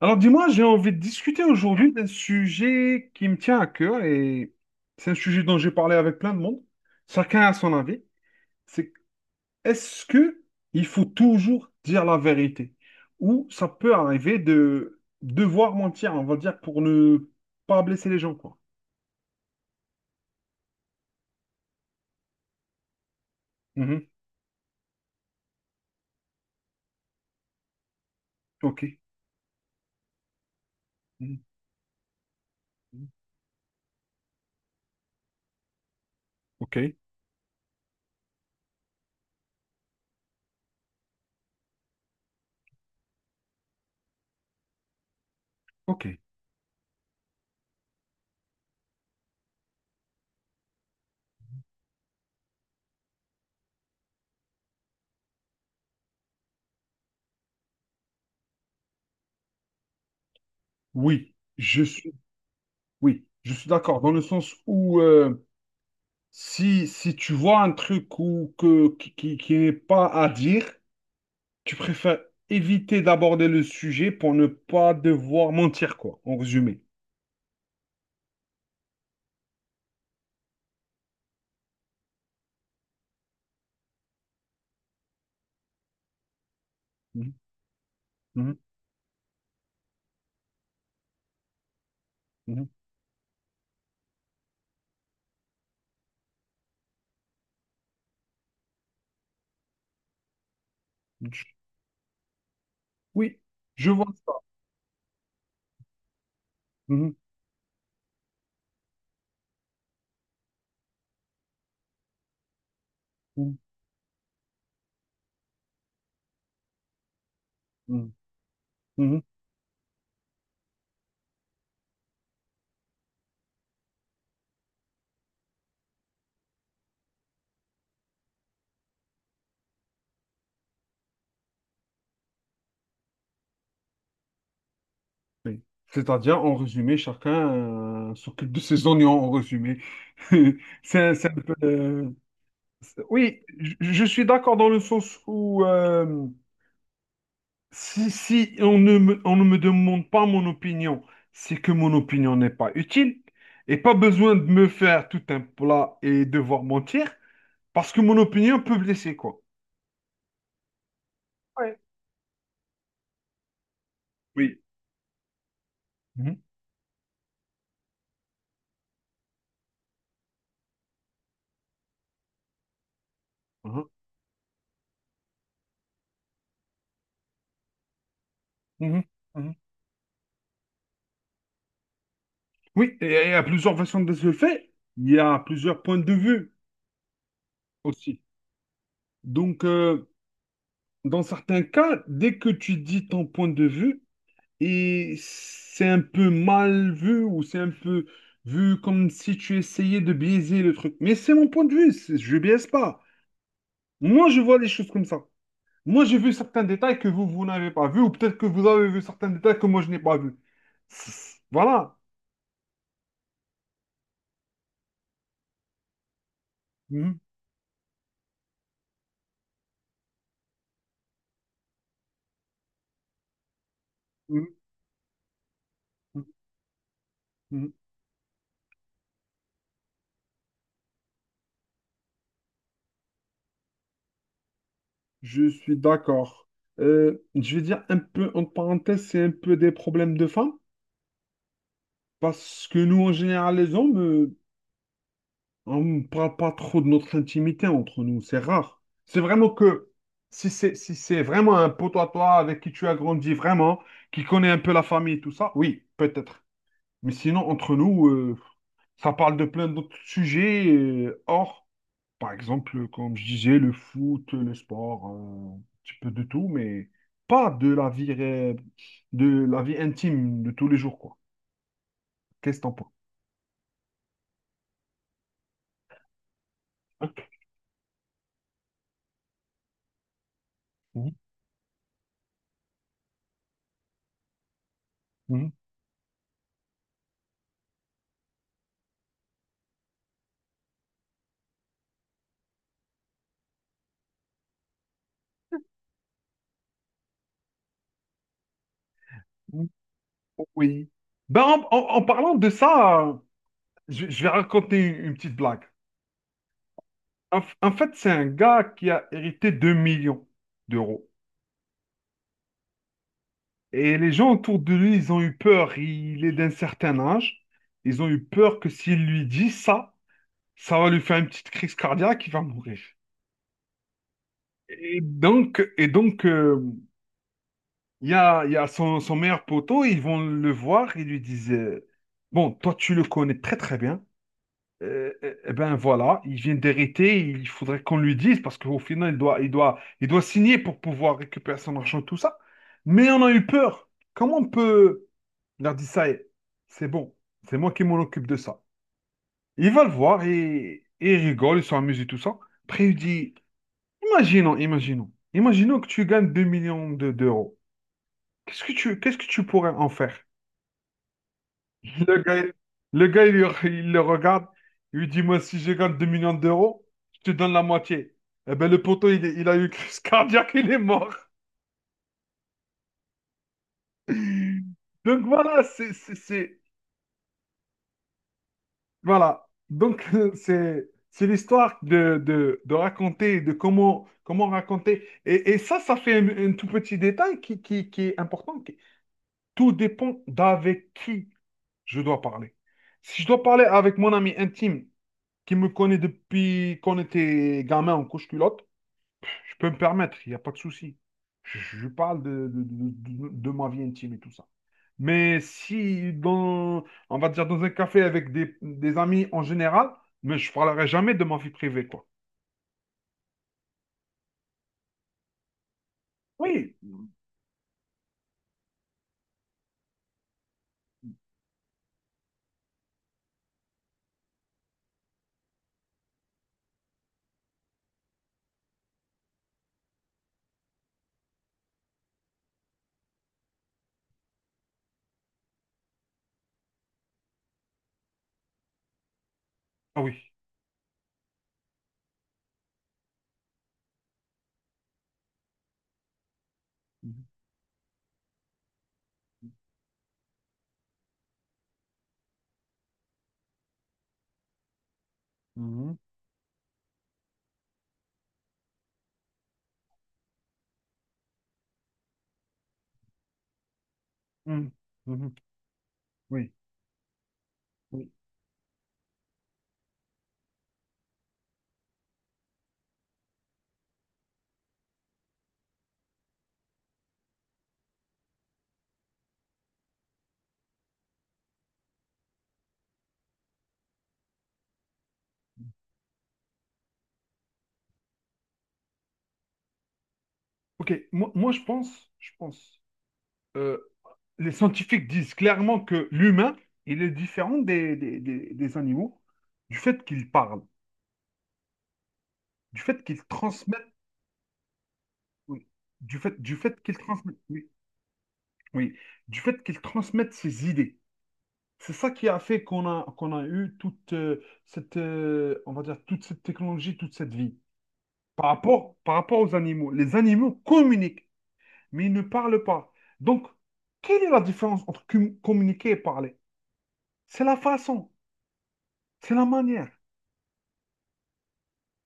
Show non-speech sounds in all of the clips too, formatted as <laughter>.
Alors dis-moi, j'ai envie de discuter aujourd'hui d'un sujet qui me tient à cœur et c'est un sujet dont j'ai parlé avec plein de monde. Chacun a son avis. C'est Est-ce que il faut toujours dire la vérité ou ça peut arriver de devoir mentir, on va dire, pour ne pas blesser les gens, quoi. Mhm. Ok. Mhm. Ok. Ok. Oui, je suis. Oui, je suis d'accord dans le sens où si tu vois un truc ou que qui n'est pas à dire. Tu préfères éviter d'aborder le sujet pour ne pas devoir mentir, quoi, en résumé. Mhm, mhm, mhm. Je- Oui, je vois ça. Mhm, mhm, mhm, mhm. Oui. C'est-à-dire, en résumé, chacun s'occupe de ses oignons, en résumé. <laughs> C'est un peu, Oui, je suis d'accord dans le sens où si on ne me demande pas mon opinion, c'est que mon opinion n'est pas utile et pas besoin de me faire tout un plat et devoir mentir parce que mon opinion peut blesser, quoi. Ouais. Oui. Mhm. Mhm. Mhm. Mhm. Oui, et il y a plusieurs façons de se le faire. Il y a plusieurs points de vue aussi. Donc, dans certains cas, dès que tu dis ton point de vue, et c'est un peu mal vu ou c'est un peu vu comme si tu essayais de biaiser le truc. Mais c'est mon point de vue, je biaise pas. Moi, je vois les choses comme ça. Moi, j'ai vu certains détails que vous, vous n'avez pas vu ou peut-être que vous avez vu certains détails que moi, je n'ai pas vu. Voilà. Mhm, mhm, mhm, mhm. Je suis d'accord. Je vais dire un peu, en parenthèse, c'est un peu des problèmes de femmes parce que nous, en général, les hommes, on ne parle pas trop de notre intimité entre nous, c'est rare. C'est vraiment que si c'est vraiment un pote à toi avec qui tu as grandi vraiment, qui connaît un peu la famille et tout ça, oui, peut-être. Mais sinon, entre nous, ça parle de plein d'autres sujets, hors, par exemple, comme je disais, le foot, le sport, un petit peu de tout, mais pas de la vie, de la vie intime de tous les jours, quoi. Qu'est-ce que t'en penses? Mhm, mhm. Oui. Ben, en parlant de ça, je vais raconter une petite blague. En fait, c'est un gars qui a hérité 2 millions d'euros. Et les gens autour de lui, ils ont eu peur. Il est d'un certain âge. Ils ont eu peur que s'il lui dit ça, ça va lui faire une petite crise cardiaque, il va mourir. Et donc, il y a son meilleur poteau, ils vont le voir, ils lui disent, bon, toi, tu le connais très très bien. Eh ben voilà, il vient d'hériter, il faudrait qu'on lui dise parce qu'au final, il doit signer pour pouvoir récupérer son argent, tout ça. Mais on a eu peur. Comment on peut leur dire ça? Y est, c'est bon, c'est moi qui m'en occupe de ça. Il va le voir et il rigole, ils sont amusés, tout ça. Après, il dit, imaginons que tu gagnes 2 millions d'euros. Qu'est-ce que tu pourrais en faire? Le gars, le gars, il le regarde, il lui dit, moi, si je gagne 2 millions d'euros, je te donne la moitié. Eh ben, le poteau, il a eu une crise cardiaque, il est mort. Donc voilà, voilà. Donc <laughs> c'est l'histoire de raconter, de comment raconter. Et ça, ça fait un tout petit détail qui est important. Tout dépend d'avec qui je dois parler. Si je dois parler avec mon ami intime, qui me connaît depuis qu'on était gamin en couche-culotte, je peux me permettre, il n'y a pas de souci. Je parle de ma vie intime et tout ça. Mais si, dans, on va dire, dans un café avec des amis en général, mais je parlerai jamais de ma vie privée, quoi. Oui. Ah oui. Mhm. Mhm. Mhm. Mhm. Oui. Oui. Ok, moi, je pense, euh, les scientifiques disent clairement que l'humain, il est différent des animaux du fait qu'il parle. Du fait qu'ils transmettent, oui, du fait qu'ils transmettent, oui, oui, du fait qu'ils transmettent ces idées. C'est ça qui a fait qu'on a eu toute cette, on va dire, toute cette technologie, toute cette vie. Par rapport aux animaux, les animaux communiquent, mais ils ne parlent pas. Donc, quelle est la différence entre communiquer et parler? C'est la façon, c'est la manière.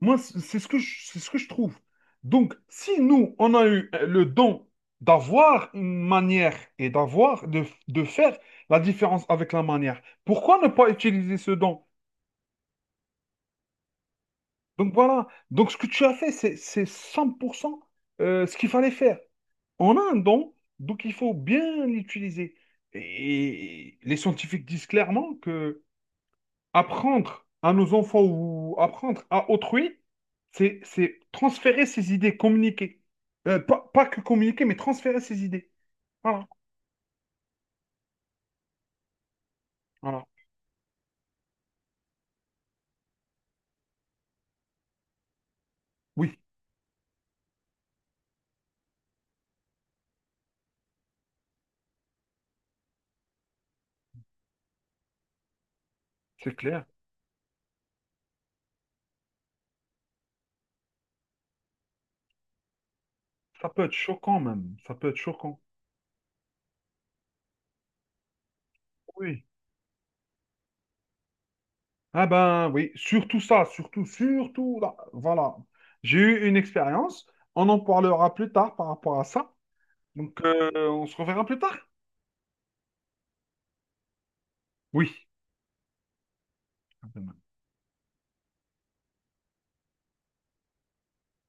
Moi, c'est ce que je, c'est ce que je trouve. Donc, si nous, on a eu le don d'avoir une manière et d'avoir, de faire la différence avec la manière, pourquoi ne pas utiliser ce don? Donc voilà. Donc, ce que tu as fait, c'est 100% ce qu'il fallait faire. On a un don, donc il faut bien l'utiliser. Et les scientifiques disent clairement que apprendre à nos enfants ou apprendre à autrui, c'est transférer ses idées, communiquer. Pas que communiquer, mais transférer ses idées. Voilà, voilà. Oui, c'est clair. Ça peut être choquant même. Ça peut être choquant. Oui. Ah ben oui, surtout ça, surtout, surtout là. Voilà. J'ai eu une expérience. On en parlera plus tard par rapport à ça. Donc, on se reverra plus tard. Oui.